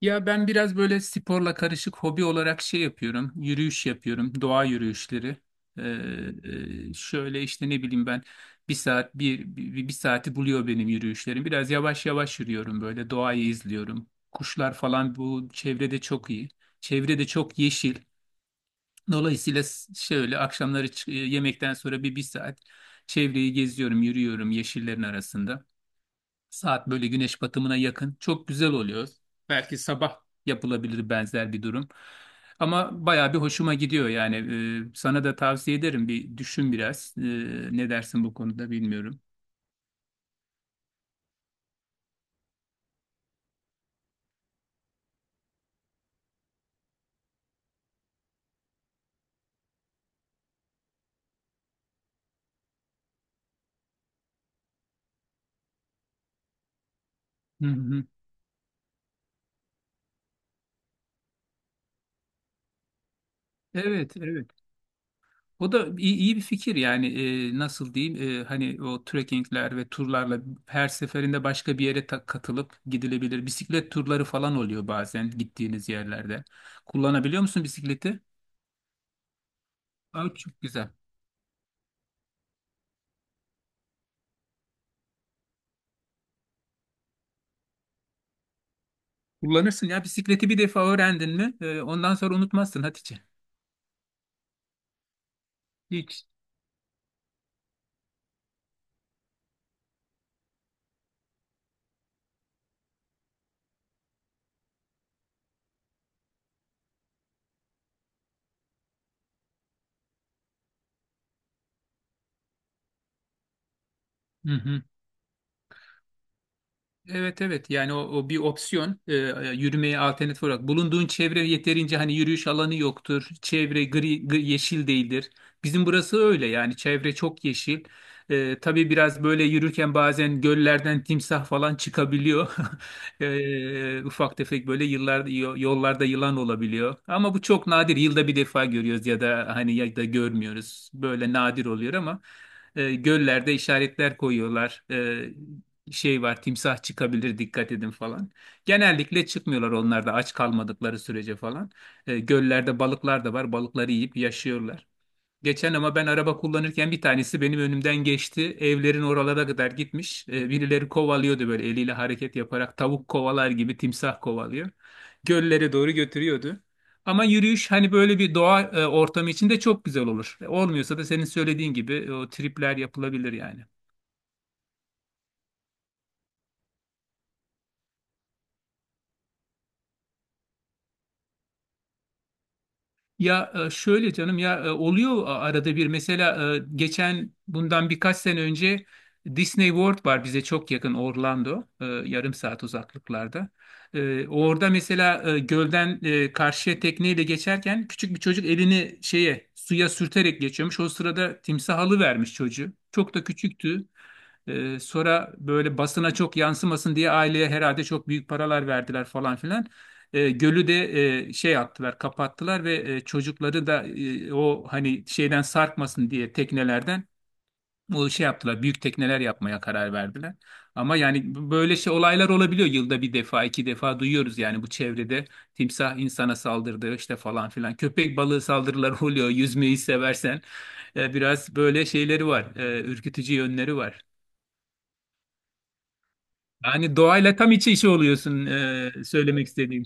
Ya ben biraz böyle sporla karışık hobi olarak şey yapıyorum. Yürüyüş yapıyorum. Doğa yürüyüşleri. Ee, Şöyle işte ne bileyim ben bir saati buluyor benim yürüyüşlerim. Biraz yavaş yavaş yürüyorum, böyle doğayı izliyorum. Kuşlar falan bu çevrede çok iyi. Çevrede çok yeşil. Dolayısıyla şöyle akşamları yemekten sonra bir saat çevreyi geziyorum, yürüyorum yeşillerin arasında. Saat böyle güneş batımına yakın. Çok güzel oluyor. Belki sabah yapılabilir benzer bir durum. Ama bayağı bir hoşuma gidiyor yani. Sana da tavsiye ederim. Bir düşün biraz. Ne dersin bu konuda, bilmiyorum. Hı hı. Evet, evet. O da iyi, iyi bir fikir yani. Nasıl diyeyim, hani o trekkingler ve turlarla her seferinde başka bir yere katılıp gidilebilir. Bisiklet turları falan oluyor bazen gittiğiniz yerlerde. Kullanabiliyor musun bisikleti? Aa, çok güzel. Kullanırsın ya bisikleti, bir defa öğrendin mi ondan sonra unutmazsın Hatice. Hiç. Hı hı. Evet evet yani o bir opsiyon. Yürümeye alternatif olarak bulunduğun çevre yeterince hani yürüyüş alanı yoktur, çevre gri, yeşil değildir. Bizim burası öyle yani, çevre çok yeşil. Tabii biraz böyle yürürken bazen göllerden timsah falan çıkabiliyor. Ufak tefek böyle yollarda yılan olabiliyor ama bu çok nadir, yılda bir defa görüyoruz ya da hani ya da görmüyoruz, böyle nadir oluyor ama göllerde işaretler koyuyorlar. Şey var, timsah çıkabilir dikkat edin falan. Genellikle çıkmıyorlar onlar da aç kalmadıkları sürece falan. Göllerde balıklar da var, balıkları yiyip yaşıyorlar. Geçen ama ben araba kullanırken bir tanesi benim önümden geçti. Evlerin oralara kadar gitmiş. Birileri kovalıyordu, böyle eliyle hareket yaparak tavuk kovalar gibi timsah kovalıyor. Göllere doğru götürüyordu. Ama yürüyüş hani böyle bir doğa ortamı içinde çok güzel olur. Olmuyorsa da senin söylediğin gibi o tripler yapılabilir yani. Ya şöyle canım, ya oluyor arada bir, mesela geçen bundan birkaç sene önce Disney World var bize çok yakın, Orlando, yarım saat uzaklıklarda. Orada mesela gölden karşıya tekneyle geçerken küçük bir çocuk elini şeye, suya sürterek geçiyormuş. O sırada timsah alıvermiş çocuğu. Çok da küçüktü. Sonra böyle basına çok yansımasın diye aileye herhalde çok büyük paralar verdiler falan filan. Gölü de şey yaptılar, kapattılar, ve çocukları da o hani şeyden sarkmasın diye teknelerden o şey yaptılar. Büyük tekneler yapmaya karar verdiler. Ama yani böyle şey olaylar olabiliyor. Yılda bir defa, iki defa duyuyoruz yani bu çevrede timsah insana saldırdı işte falan filan. Köpek balığı saldırıları oluyor. Yüzmeyi seversen. Biraz böyle şeyleri var. Ürkütücü yönleri var. Yani doğayla tam iç içe oluyorsun, söylemek istediğim.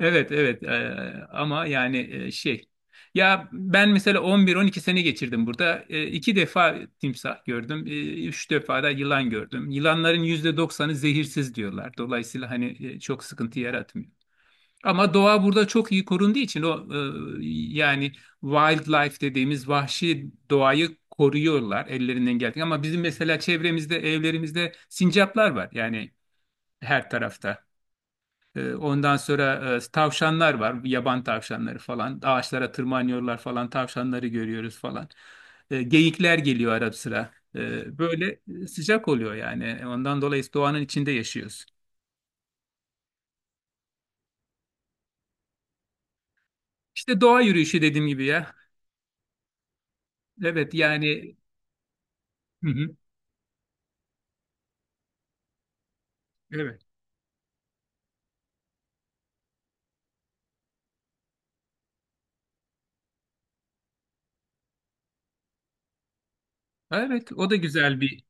Evet evet. Ama yani şey, ya ben mesela 11-12 sene geçirdim burada. İki defa timsah gördüm. Üç defa da yılan gördüm. Yılanların %90'ı zehirsiz diyorlar. Dolayısıyla hani çok sıkıntı yaratmıyor. Ama doğa burada çok iyi korunduğu için, o e, yani wildlife dediğimiz vahşi doğayı koruyorlar ellerinden geldiği. Ama bizim mesela çevremizde, evlerimizde sincaplar var yani, her tarafta. Ondan sonra tavşanlar var, yaban tavşanları falan. Ağaçlara tırmanıyorlar falan, tavşanları görüyoruz falan. Geyikler geliyor ara sıra. Böyle sıcak oluyor yani. Ondan dolayı doğanın içinde yaşıyoruz. İşte doğa yürüyüşü dediğim gibi ya. Evet yani. Hı hı. Evet. Evet, o da güzel bir.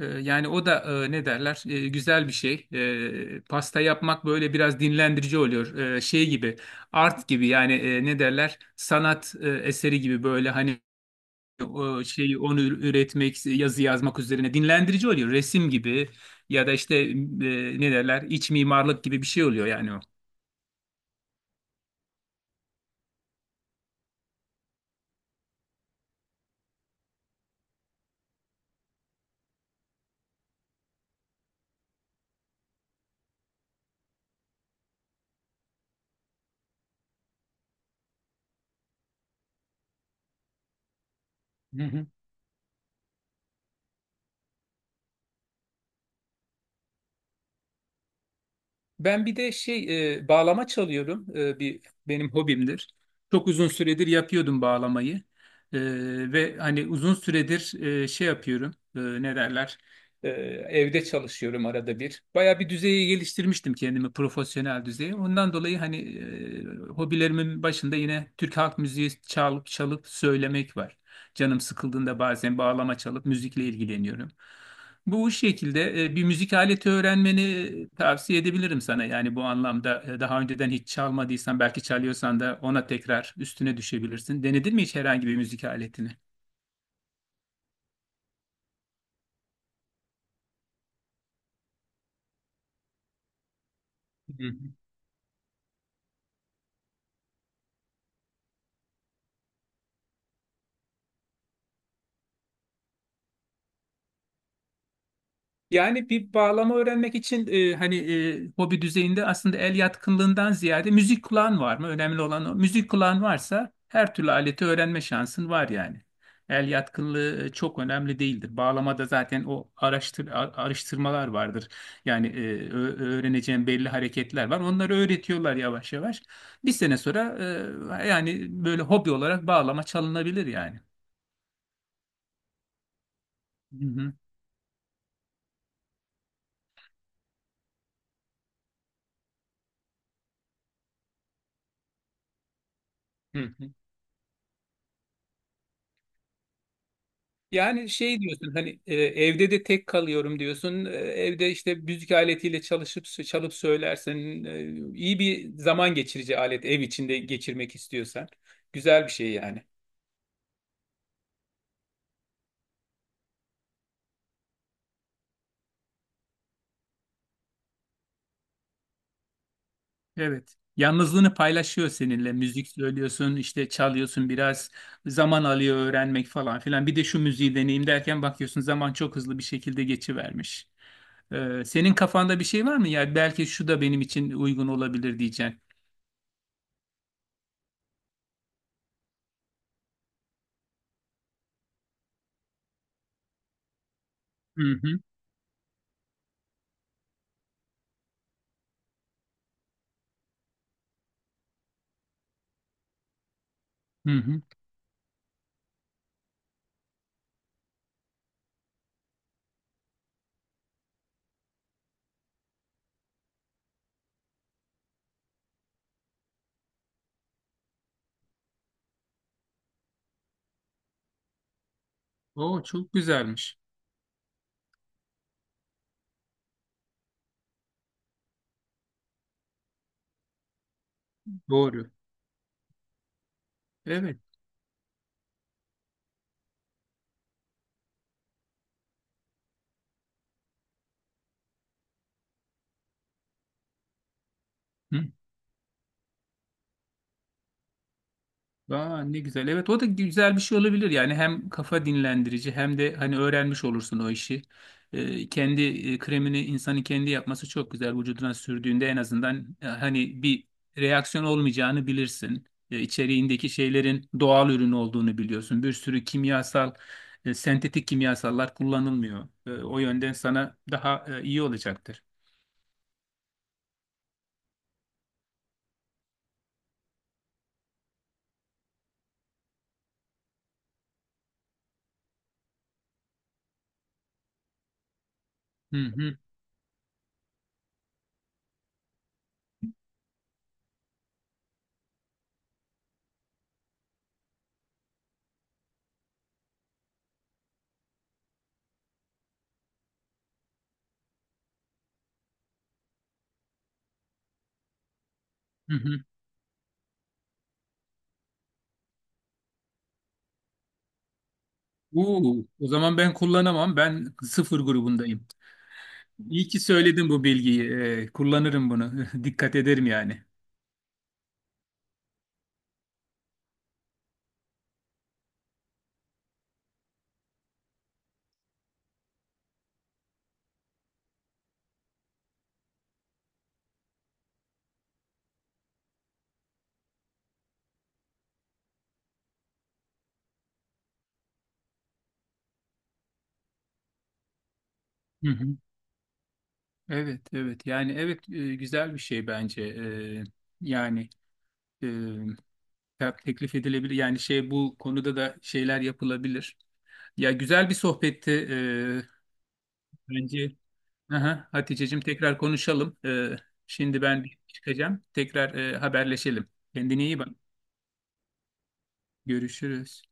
Yani o da ne derler, güzel bir şey. Pasta yapmak böyle biraz dinlendirici oluyor. Şey gibi, art gibi yani, ne derler, sanat eseri gibi, böyle hani o şeyi, onu üretmek, yazı yazmak üzerine dinlendirici oluyor. Resim gibi, ya da işte ne derler iç mimarlık gibi bir şey oluyor yani o. Ben bir de şey, bağlama çalıyorum. Bir benim hobimdir. Çok uzun süredir yapıyordum bağlamayı. E, Ve hani uzun süredir şey yapıyorum. Ne derler? E, Evde çalışıyorum arada bir. Baya bir düzeye geliştirmiştim kendimi, profesyonel düzeye. Ondan dolayı hani hobilerimin başında yine Türk halk müziği çalıp çalıp söylemek var. Canım sıkıldığında bazen bağlama çalıp müzikle ilgileniyorum. Bu şekilde bir müzik aleti öğrenmeni tavsiye edebilirim sana. Yani bu anlamda daha önceden hiç çalmadıysan, belki çalıyorsan da ona tekrar üstüne düşebilirsin. Denedin mi hiç herhangi bir müzik aletini? Yani bir bağlama öğrenmek için hani hobi düzeyinde, aslında el yatkınlığından ziyade müzik kulağın var mı? Önemli olan o. Müzik kulağın varsa her türlü aleti öğrenme şansın var yani. El yatkınlığı çok önemli değildir. Bağlamada zaten o araştırmalar vardır. Yani öğreneceğin belli hareketler var. Onları öğretiyorlar yavaş yavaş. Bir sene sonra yani böyle hobi olarak bağlama çalınabilir yani. Hı hı. Hı hı. Yani şey diyorsun hani, evde de tek kalıyorum diyorsun. Evde işte müzik aletiyle çalışıp çalıp söylersen, iyi bir zaman geçirici alet, ev içinde geçirmek istiyorsan güzel bir şey yani. Evet. Yalnızlığını paylaşıyor seninle. Müzik söylüyorsun, işte çalıyorsun, biraz zaman alıyor öğrenmek falan filan. Bir de şu müziği deneyeyim derken bakıyorsun zaman çok hızlı bir şekilde geçivermiş. Senin kafanda bir şey var mı? Ya belki şu da benim için uygun olabilir diyeceksin. Hı hı. Hı hı. Oo, çok güzelmiş. Doğru. Evet. Hı. Aa, ne güzel. Evet, o da güzel bir şey olabilir. Yani hem kafa dinlendirici, hem de hani öğrenmiş olursun o işi. Kendi kremini insanın kendi yapması çok güzel. Vücuduna sürdüğünde en azından hani bir reaksiyon olmayacağını bilirsin. İçeriğindeki şeylerin doğal ürün olduğunu biliyorsun. Bir sürü kimyasal, sentetik kimyasallar kullanılmıyor. O yönden sana daha iyi olacaktır. Hı hı hı hı. Uu, o zaman ben kullanamam. Ben sıfır grubundayım. İyi ki söyledin bu bilgiyi. Kullanırım bunu. Dikkat ederim yani. Hı hı. Evet, evet. Yani evet, güzel bir şey bence. Yani e, teklif edilebilir. Yani şey, bu konuda da şeyler yapılabilir. Ya güzel bir sohbetti. Bence. Aha, Hatice'cim, tekrar konuşalım. Şimdi ben bir çıkacağım. Tekrar haberleşelim. Kendine iyi bak. Görüşürüz.